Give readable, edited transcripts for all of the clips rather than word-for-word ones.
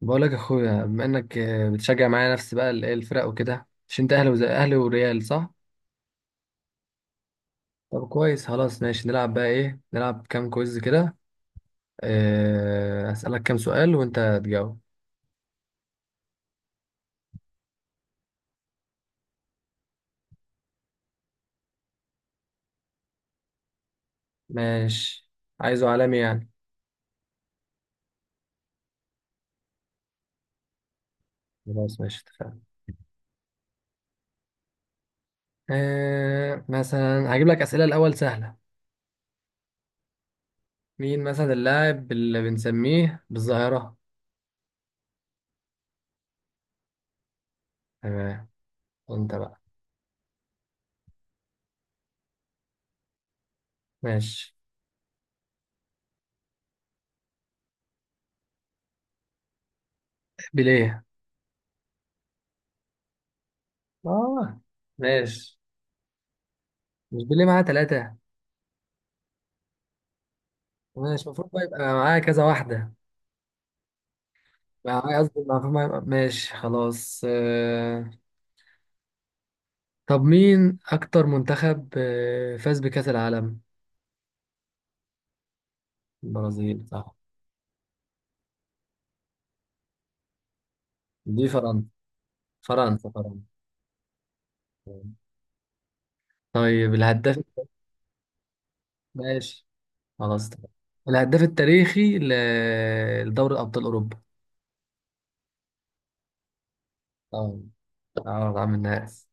بقولك يا اخويا، بما انك بتشجع معايا نفس بقى الفرق وكده، مش انت اهلي وزي اهلي وريال صح؟ طب كويس خلاص ماشي، نلعب بقى ايه، نلعب كام كويز كده. اسالك كام سؤال وانت تجاوب. ماشي. عايزه عالمي يعني. خلاص ماشي اتفقنا. مثلا هجيب لك اسئله الاول سهله. مين مثلا اللاعب اللي بنسميه بالظاهره؟ تمام. انت بقى. ماشي. بيليه. اه ماشي. مش بيليه معاه ثلاثه؟ ماشي. المفروض بقى يبقى معاه كذا واحده. يعني قصدي المعلومة ماشي خلاص طب مين أكتر منتخب فاز بكأس العالم؟ البرازيل صح. دي فرنسا فرنسا. طيب الهداف. ماشي خلاص تمام. الهداف التاريخي لدوري أبطال أوروبا. اه. اه طبعا من الناس.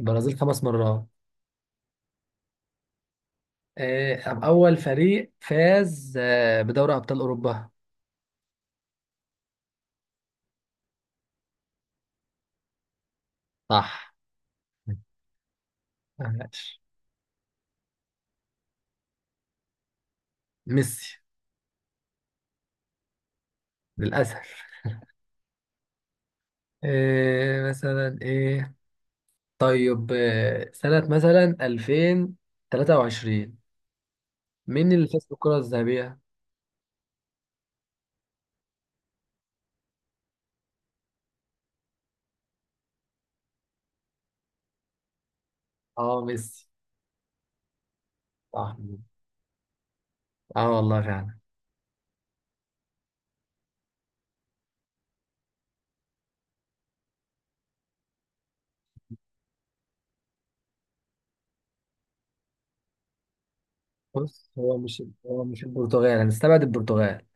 البرازيل 5 مرات. طب أول فريق فاز بدوري أبطال أوروبا؟ صح. ماشي. ميسي للأسف. إيه مثلا ايه. طيب إيه سنة مثلا 2023، مين اللي فاز بالكرة الذهبية؟ اه ميسي. صح. اه والله فعلا. بص، هو مش البرتغال، هنستبعد البرتغال.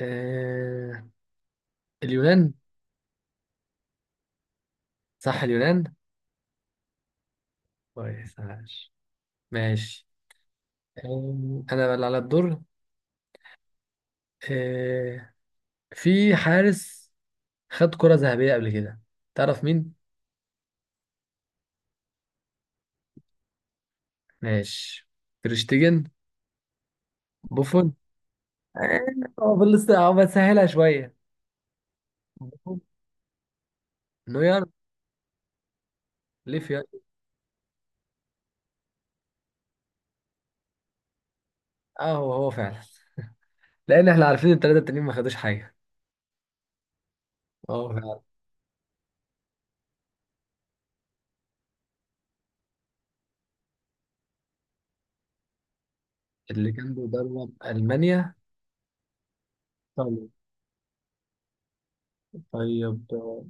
إيه. اليونان. صح اليونان. كويس ماشي. ماشي. انا بقى اللي على الدور. إيه، في حارس خد كرة ذهبية قبل كده، تعرف مين؟ ماشي. تريشتيجن. بوفون. هو بلس، هو بسهلها شويه. انه يعرف. ليه يعني. اه هو هو فعلا، لان احنا عارفين الثلاثه التانيين ما خدوش حاجه. اه فعلا. اللي كان بيدرب المانيا؟ طيب. طيب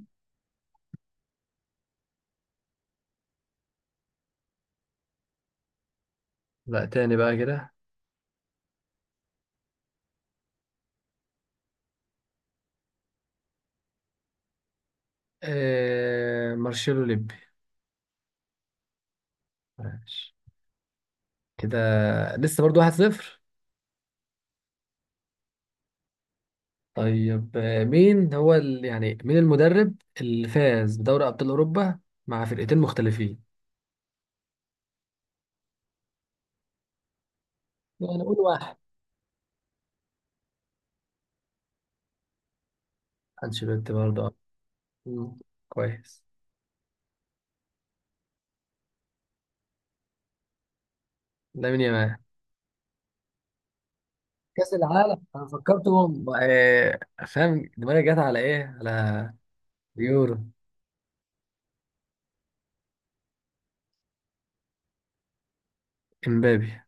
لا، تاني بقى كده. مارشيلو ليبي. ماشي كده. لسه برضو 1-0. طيب مين هو يعني مين المدرب اللي فاز بدوري ابطال اوروبا مع فرقتين مختلفين؟ يعني قول واحد. انشيلوتي برضه. مم. كويس. لامين يامال. كاس العالم انا فكرتهم فاهم دماغي جت على ايه، على يورو. امبابي.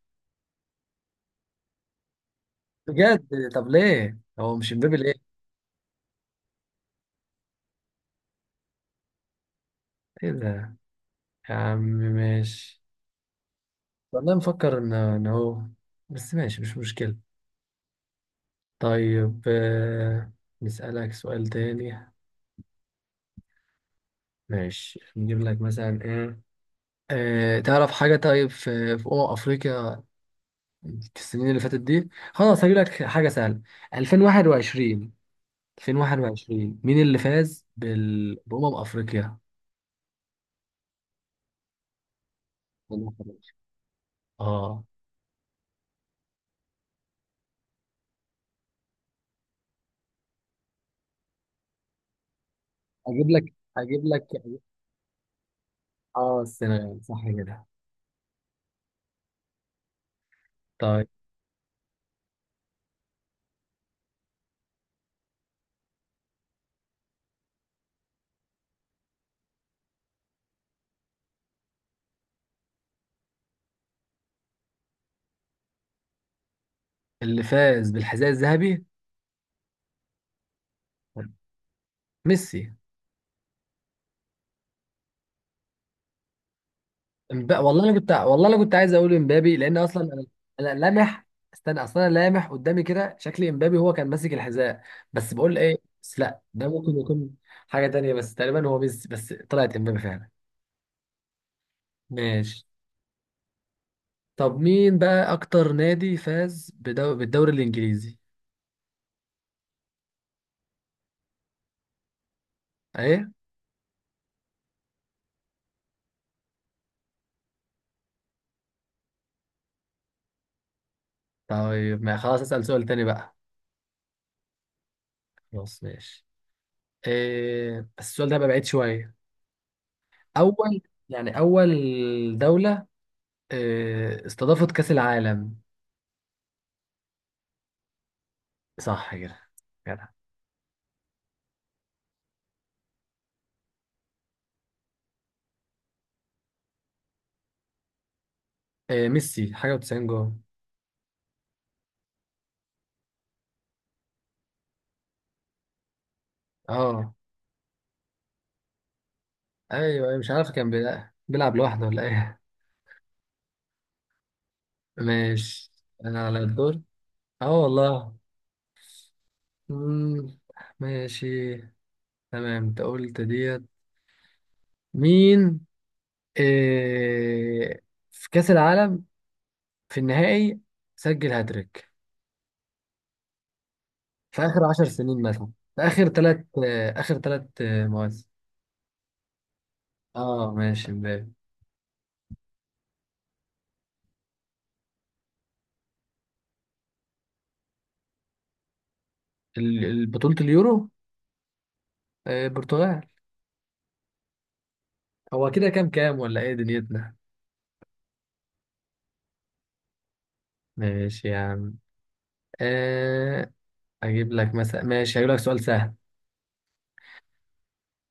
بجد؟ طب ليه هو مش امبابي، ليه؟ ايه ده؟ يا عم ماشي. والله مفكر ان هو. بس ماشي مش مشكلة. طيب نسألك سؤال تاني. ماشي نجيب لك مثلا ايه. تعرف حاجة؟ طيب في أمم أفريقيا في السنين اللي فاتت دي؟ خلاص هجيب لك حاجة سهلة. 2021. 2021 مين اللي فاز بأمم أفريقيا؟ أمم أفريقيا. اه. اجيب لك. اه السنغال صح كده. طيب اللي فاز بالحذاء الذهبي. ميسي. والله انا كنت عايز اقول امبابي، لان اصلا انا. انا لامح. استنى، اصلا انا لامح قدامي كده، شكلي امبابي هو كان ماسك الحذاء. بس بقول ايه. بس لا، ده ممكن يكون حاجة تانية، بس تقريبا هو ميسي، بس طلعت امبابي فعلا. ماشي. طب مين بقى أكتر نادي فاز بالدوري الإنجليزي؟ إيه؟ طيب ما خلاص، أسأل سؤال تاني بقى. خلاص ماشي. بس السؤال ده بقى بعيد شوية. أول، يعني أول دولة استضافت كأس العالم؟ صح كده. كده. إيه، ميسي حاجة وتسعين جول. أه أيوه أيوة، مش عارف كان بيلعب لوحده ولا إيه. ماشي. أنا على الدور. أه والله. مم، ماشي. تمام. أنت قلت ديت. مين، إيه، في كأس العالم، في النهائي، سجل هاتريك في آخر 10 سنين مثلا؟ في آخر ثلاث. آخر 3 مواسم. اه ماشي مبابي. بطولة اليورو. برتغال. هو كده كام، كام ولا ايه دنيتنا؟ ماشي يا عم. آه، اجيب لك مثلا. ماشي هجيب لك سؤال سهل.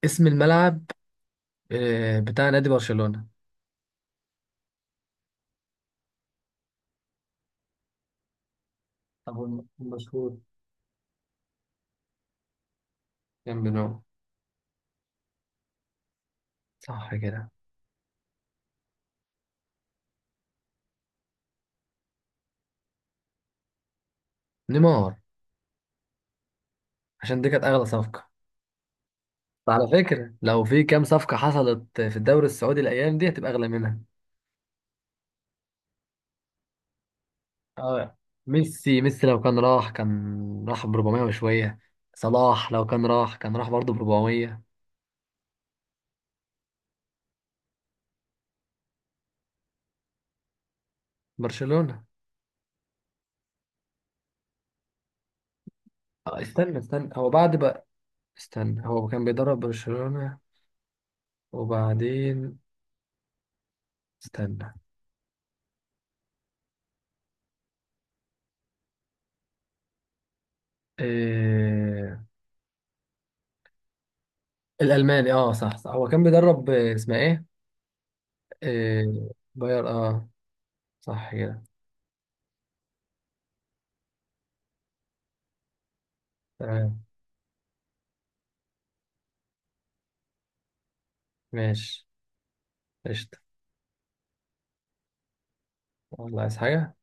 اسم الملعب بتاع نادي برشلونة. طب المشهور. كان بنو، صح كده. نيمار، عشان دي كانت اغلى صفقة. على فكرة، لو في كام صفقة حصلت في الدوري السعودي الأيام دي هتبقى أغلى منها. اه. ميسي لو كان راح ب 400 وشوية. صلاح لو كان راح برضه ب 400. برشلونة. استنى، هو بعد بقى. استنى، هو كان بيدرب برشلونة وبعدين. استنى. إيه... الألماني. اه صح صح. هو كان بيدرب اسمها ايه؟ إيه... باير. اه صح كده. تمام. ماشي. قشطة. والله عايز حاجة